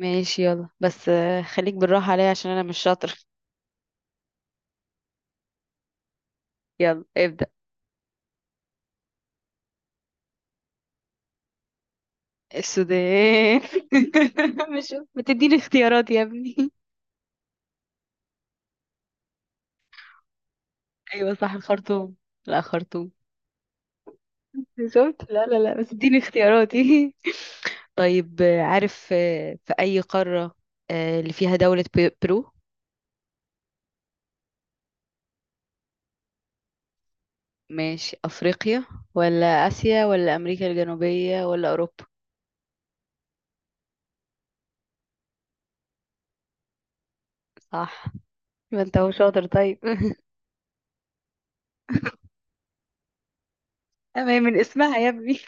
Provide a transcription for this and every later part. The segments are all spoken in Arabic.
ماشي، يلا بس خليك بالراحة عليا عشان أنا مش شاطر. يلا ابدأ. السودان. مش، ما تديني اختيارات يا ابني؟ أيوة صح، الخرطوم. لا، خرطوم. شفت؟ لا لا لا، بس اديني اختياراتي. طيب، عارف، في أي قارة اللي فيها دولة برو؟ ماشي، أفريقيا ولا آسيا ولا أمريكا الجنوبية ولا أوروبا؟ صح. ما انت هو شاطر، طيب. أما هي من اسمها يا ابني.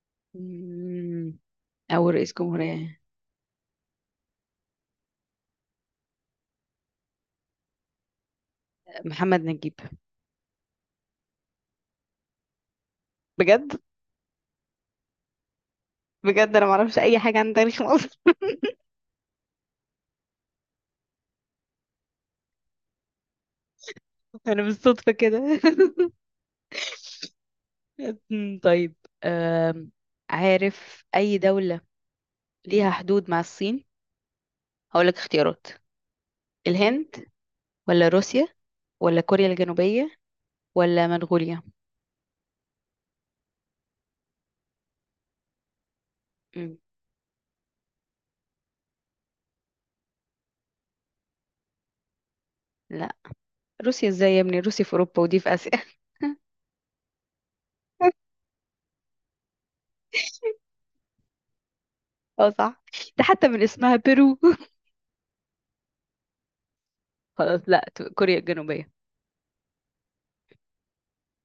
مم، أول رئيس جمهورية؟ محمد نجيب. بجد؟ بجد انا ما اعرفش اي حاجه عن تاريخ مصر. انا بالصدفه كده. طيب. أم، عارف اي دوله ليها حدود مع الصين؟ هقولك اختيارات: الهند، ولا روسيا، ولا كوريا الجنوبيه، ولا منغوليا. أمم، لا، روسيا ازاي يا ابني؟ روسيا في اوروبا، ودي في اسيا. اه صح، ده حتى من اسمها بيرو. خلاص، لا، كوريا الجنوبيه.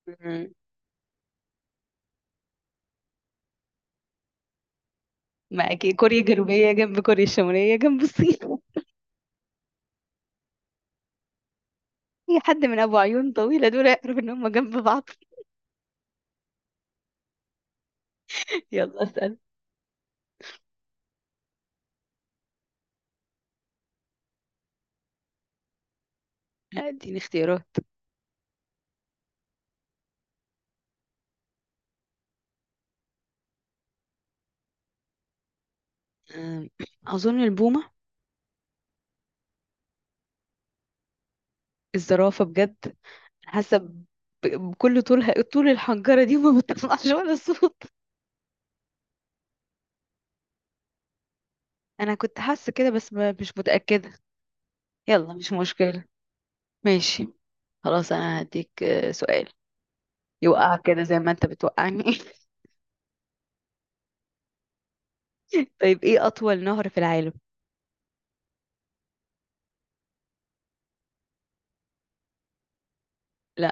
أمم، ما اكيد كوريا الجنوبيه جنب كوريا الشماليه جنب الصين. اي حد من ابو عيون طويله دول يعرف ان هم جنب بعض. يلا اسأل. اديني اختيارات. أم، اظن البومه. الزرافه؟ بجد؟ حاسه بكل طولها، طول الحنجره دي، وما بتطلعش ولا صوت. انا كنت حاسه كده بس مش متاكده. يلا، مش مشكله. ماشي. خلاص انا هديك سؤال يوقعك كده زي ما انت بتوقعني. طيب، ايه اطول نهر في العالم؟ لا،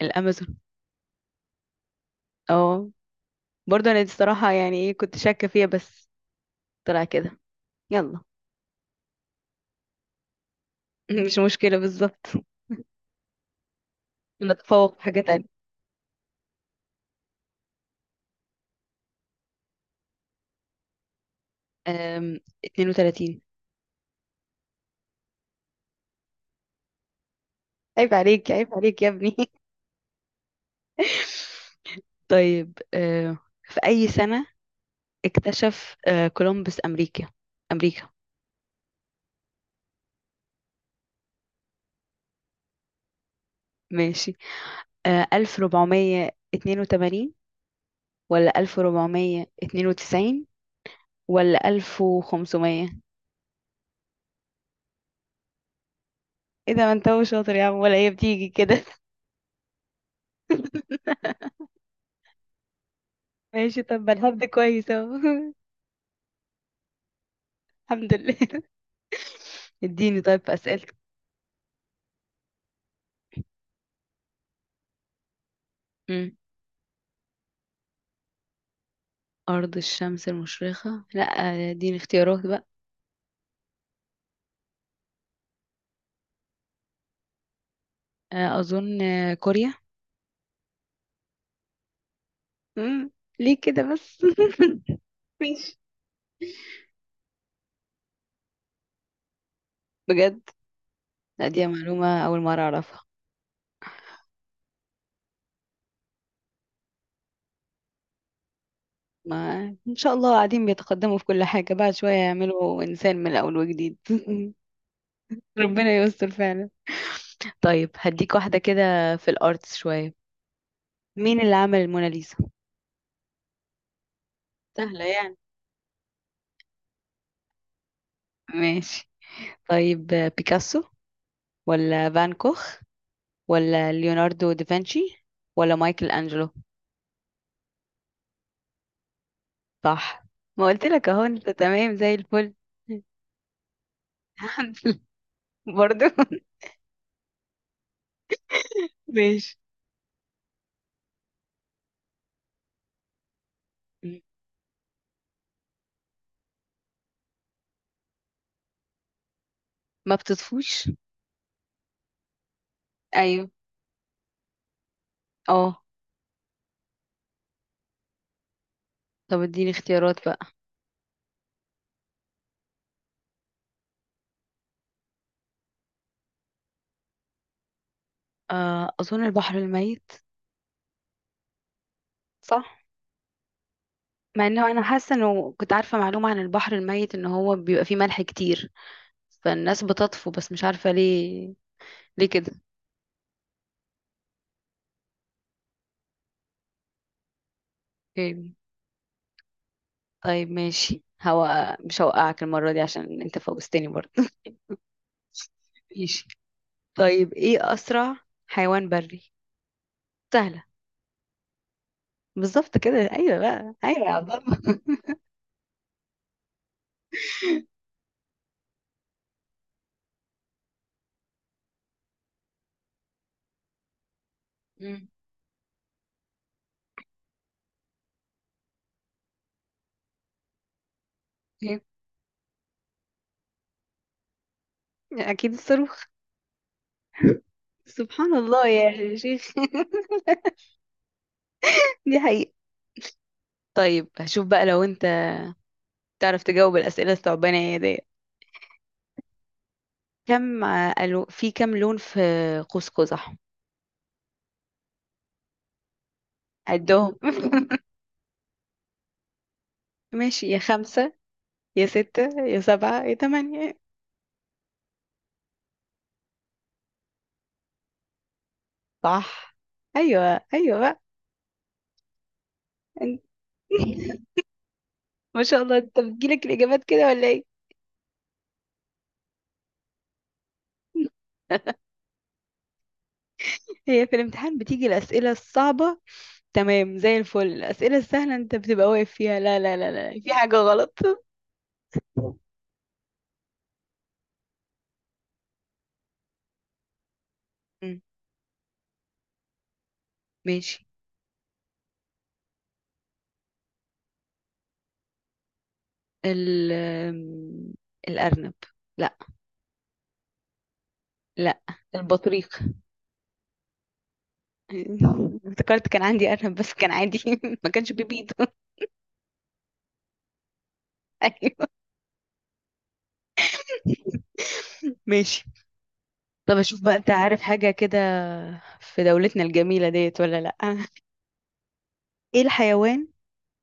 الامازون. اه، برضه انا دي الصراحه، يعني ايه، كنت شاكه فيها بس طلع كده. يلا، مش مشكلة، بالظبط، نتفوق في حاجة تانية. 32. عيب عليك، عيب عليك يا ابني. طيب في أي سنة اكتشف كولومبوس أمريكا؟ أمريكا. ماشي، 1482 ولا 1492 ولا 1500؟ ايه ده، ما انت هو شاطر يا عم، ولا هي بتيجي كده؟ ماشي، طب ما الهبد كويس اهو. الحمد لله. اديني طيب في أسئلتك. أرض الشمس المشرقة؟ لا، دي اختيارات بقى. أظن كوريا. مم. ليه كده بس؟ ماشي. بجد؟ لا، دي معلومة أول مرة أعرفها. ما إن شاء الله قاعدين بيتقدموا في كل حاجة، بعد شوية يعملوا إنسان من الأول وجديد. ربنا يستر فعلا. طيب هديك واحدة كده في الأرتس شوية. مين اللي عمل الموناليزا؟ سهلة يعني؟ ماشي. طيب، بيكاسو، ولا فان كوخ، ولا ليوناردو دافنشي، ولا مايكل أنجلو؟ صح. ما قلت لك اهو، انت تمام زي الفل. الحمد لله برضو. ماشي. ما بتطفوش؟ ايوه. اه، طب اديني اختيارات بقى. اظن البحر الميت. صح. مع انه انا حاسه انه كنت عارفه معلومه عن البحر الميت ان هو بيبقى فيه ملح كتير، فالناس بتطفو، بس مش عارفه ليه. ليه كده؟ اوكي. طيب ماشي، هو مش هوقعك المره دي عشان انت فوزتني برضه. ماشي. طيب ايه اسرع حيوان بري؟ سهله. بالظبط كده، أيوة بقى، أيوة يا عبد. مم. هي- أكيد الصاروخ. سبحان الله يا شيخ. دي حقيقة. طيب هشوف بقى لو أنت تعرف تجاوب الأسئلة الثعبانة دي. في كم لون في قوس قزح؟ عدهم. ماشي، يا خمسة، يا ستة، يا سبعة، يا تمانية. صح. أيوة أيوة بقى. أنت- ما شاء الله، أنت بتجيلك الإجابات كده ولا إيه؟ هي في الامتحان بتيجي الأسئلة الصعبة تمام زي الفل، الأسئلة السهلة انت بتبقى واقف فيها، لا لا لا لا، في حاجة غلط. مم. ماشي. ال آم، الأرنب؟ لا، لا، البطريق. افتكرت كان عندي أرنب بس كان عادي. ما كانش بيبيض. أيوه. ماشي. طب أشوف بقى أنت عارف حاجة كده في دولتنا الجميلة ديت ولا لأ. إيه الحيوان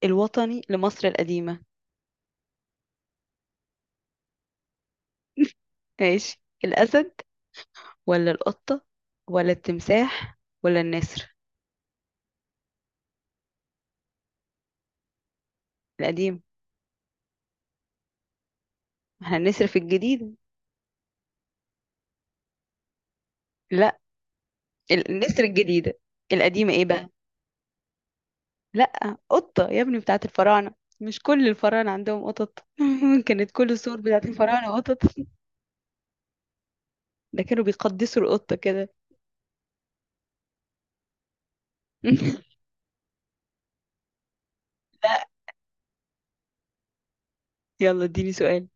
الوطني لمصر القديمة؟ ماشي، الأسد، ولا القطة، ولا التمساح، ولا النسر؟ القديمة؟ ما احنا النسر في الجديدة. لا، النسر الجديدة. القديمة ايه بقى؟ لا، قطة يا ابني، بتاعت الفراعنة. مش كل الفراعنة عندهم قطط؟ كانت كل الصور بتاعت الفراعنة قطط، ده كانوا بيقدسوا القطة كده. لا. يلا اديني سؤال.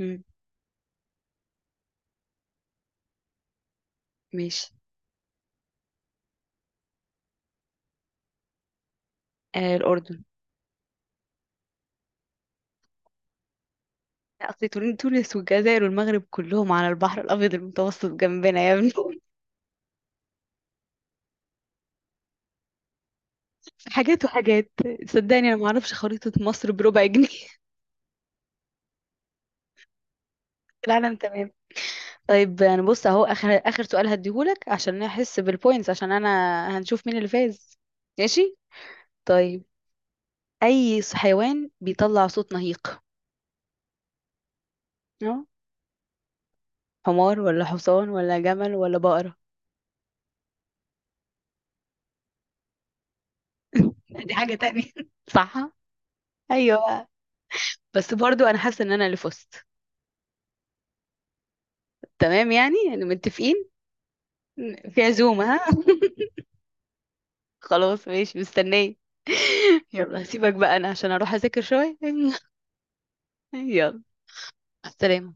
مم، ماشي. الأردن. لا، أصل تونس والجزائر والمغرب كلهم على البحر الأبيض المتوسط جنبنا يا ابني. حاجات وحاجات، صدقني أنا معرفش خريطة مصر بربع جنيه. العالم تمام. طيب يعني بص اهو، اخر اخر سؤال هديهولك عشان نحس بالبوينتس، عشان انا هنشوف مين اللي فاز. ماشي. طيب اي حيوان بيطلع صوت نهيق؟ اه، حمار ولا حصان ولا جمل ولا بقرة؟ دي حاجة تانية. صح. ايوه بقى. بس برضو انا حاسة ان انا اللي فزت. تمام، يعني متفقين. في عزومة ها؟ خلاص ماشي، مستنية. يلا هسيبك بقى، انا عشان اروح اذاكر شوية. يلا، مع السلامة.